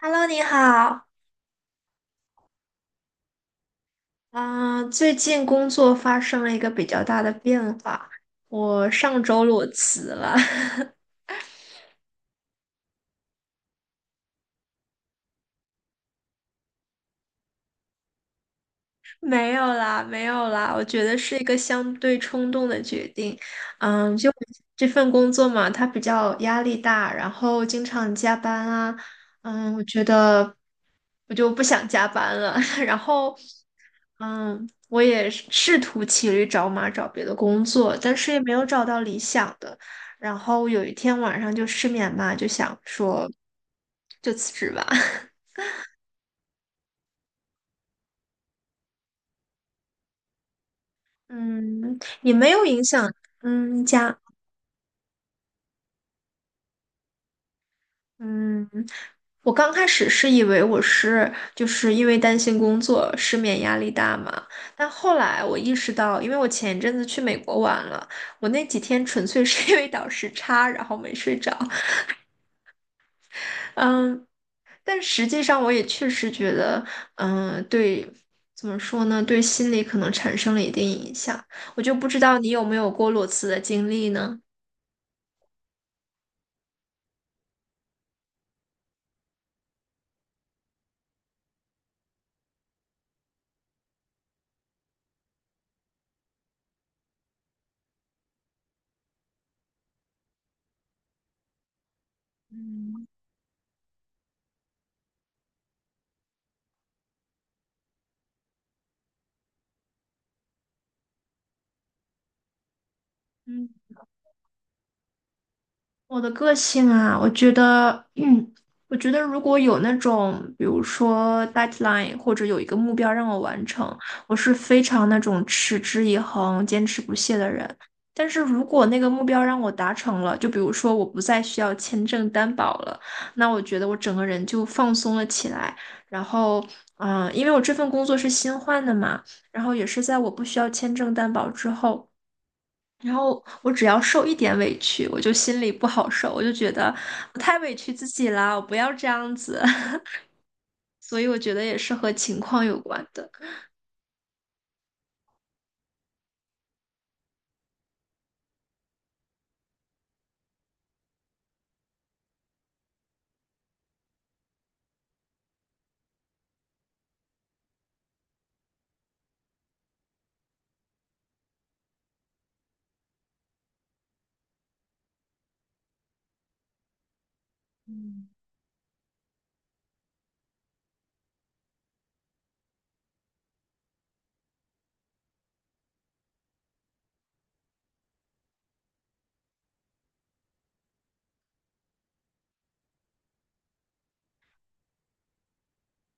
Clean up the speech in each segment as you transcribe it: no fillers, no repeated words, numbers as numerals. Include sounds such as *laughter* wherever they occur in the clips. Hello，你好。嗯，最近工作发生了一个比较大的变化，我上周裸辞了。*laughs* 没有啦，没有啦，我觉得是一个相对冲动的决定。嗯，就这份工作嘛，它比较压力大，然后经常加班啊。嗯，我觉得我就不想加班了。*laughs* 然后，嗯，我也是试图骑驴找马找别的工作，但是也没有找到理想的。然后有一天晚上就失眠嘛，就想说就辞职吧。*laughs* 嗯，也没有影响，嗯，加嗯，我刚开始是以为我是就是因为担心工作失眠压力大嘛，但后来我意识到，因为我前一阵子去美国玩了，我那几天纯粹是因为倒时差，然后没睡着。嗯，但实际上我也确实觉得，嗯，对，怎么说呢，对心理可能产生了一定影响。我就不知道你有没有过裸辞的经历呢？嗯我的个性啊，我觉得，嗯，我觉得如果有那种，比如说 deadline 或者有一个目标让我完成，我是非常那种持之以恒、坚持不懈的人。但是如果那个目标让我达成了，就比如说我不再需要签证担保了，那我觉得我整个人就放松了起来。然后，嗯、因为我这份工作是新换的嘛，然后也是在我不需要签证担保之后。然后我只要受一点委屈，我就心里不好受，我就觉得我太委屈自己啦，我不要这样子。*laughs* 所以我觉得也是和情况有关的。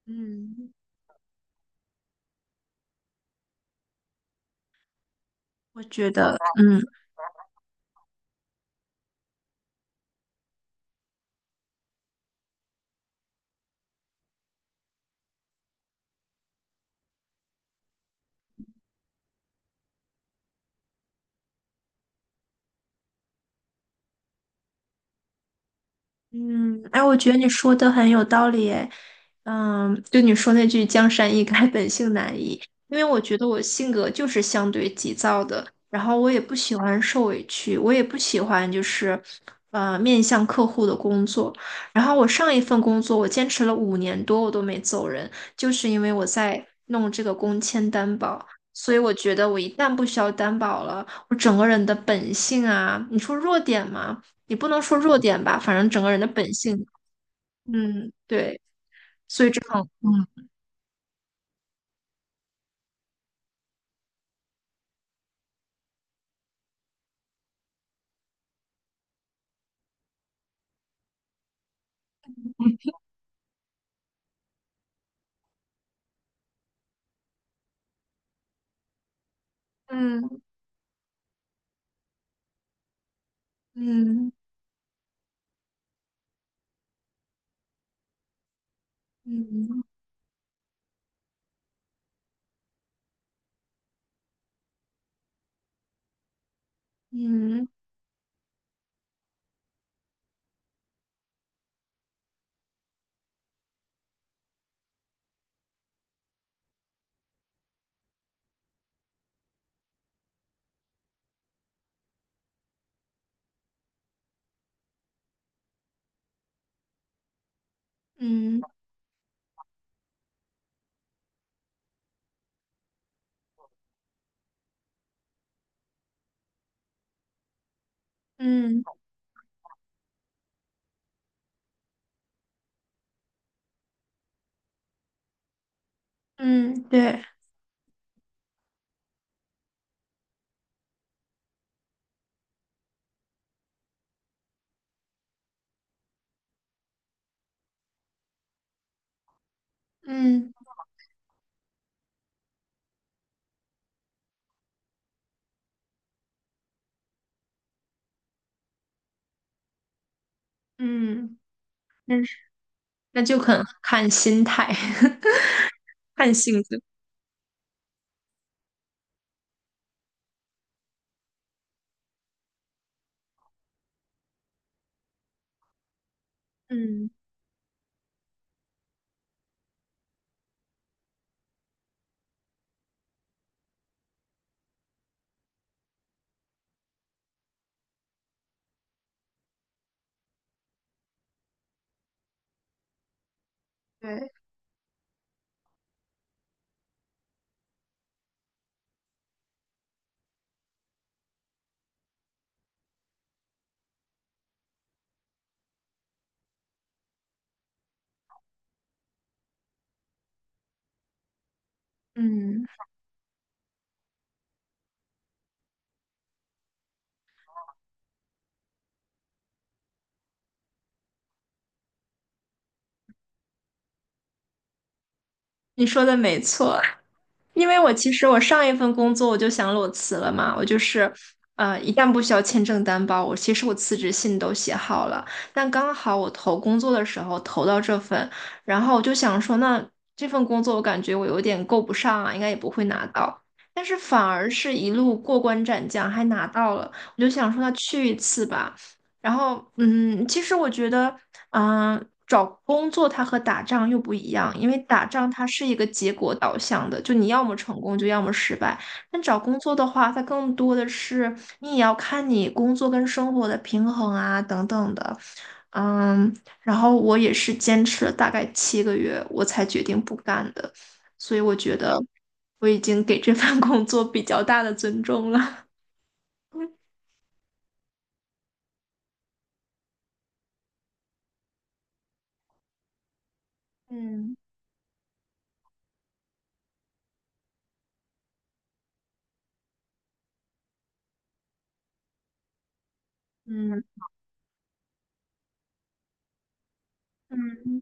嗯，我觉得，嗯。嗯，哎，我觉得你说的很有道理，哎，嗯，就你说那句"江山易改，*laughs* 本性难移"，因为我觉得我性格就是相对急躁的，然后我也不喜欢受委屈，我也不喜欢就是，呃，面向客户的工作。然后我上一份工作我坚持了5年多，我都没走人，就是因为我在弄这个工签担保，所以我觉得我一旦不需要担保了，我整个人的本性啊，你说弱点吗？也不能说弱点吧，反正整个人的本性，嗯，对，这很，嗯嗯嗯嗯嗯嗯嗯嗯，对，嗯嗯，那是那就很看心态，*laughs* 看性格，嗯，对，嗯，你说的没错。因为我其实我上一份工作我就想裸辞了嘛，我就是，呃，一旦不需要签证担保，我其实我辞职信都写好了，但刚好我投工作的时候投到这份，然后我就想说，那这份工作我感觉我有点够不上啊，应该也不会拿到，但是反而是一路过关斩将还拿到了，我就想说那去一次吧，然后嗯，其实我觉得。嗯，找工作它和打仗又不一样，因为打仗它是一个结果导向的，就你要么成功，就要么失败。但找工作的话，它更多的是你也要看你工作跟生活的平衡啊，等等的。嗯，然后我也是坚持了大概7个月，我才决定不干的，所以我觉得我已经给这份 *laughs* 工作比较大的尊重了。*laughs* 嗯嗯嗯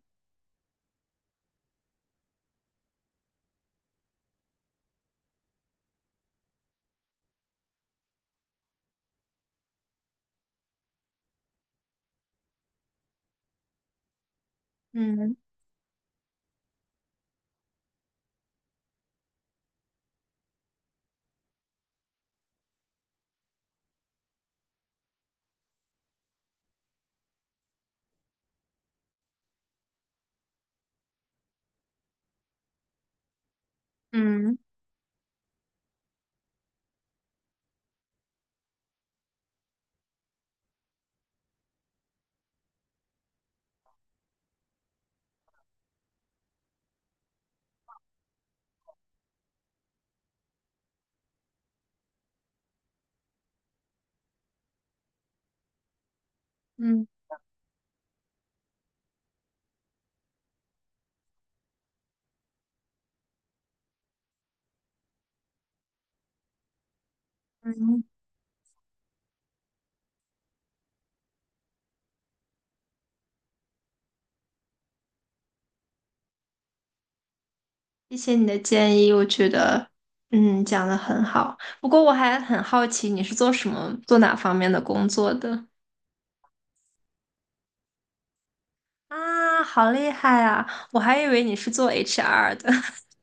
嗯嗯嗯嗯嗯。谢谢你的建议，我觉得，嗯，讲的很好。不过我还很好奇，你是做什么、做哪方面的工作的？啊，好厉害啊！我还以为你是做 HR 的。*laughs*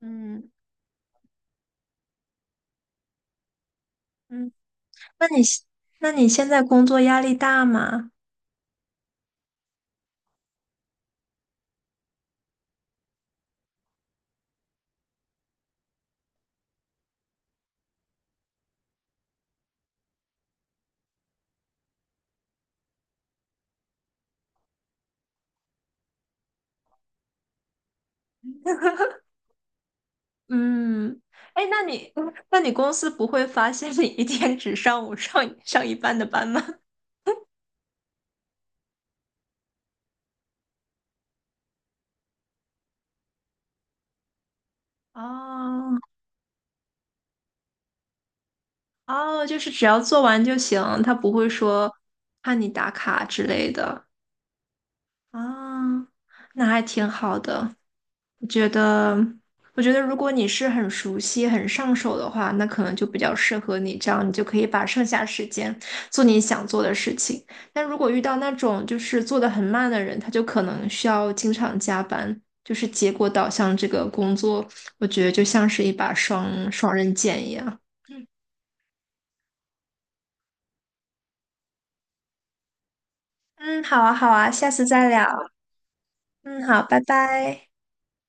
嗯嗯，那你现那你现在工作压力大吗？嗯，哎，那你那你公司不会发现你一天只上午上上一半的班吗？哦哦，就是只要做完就行，他不会说怕你打卡之类的。啊，那还挺好的。我觉得，我觉得如果你是很熟悉、很上手的话，那可能就比较适合你，这样你就可以把剩下时间做你想做的事情。但如果遇到那种就是做的很慢的人，他就可能需要经常加班，就是结果导向这个工作，我觉得就像是一把双刃剑一样。嗯，嗯，好啊，好啊，下次再聊。嗯，好，拜拜。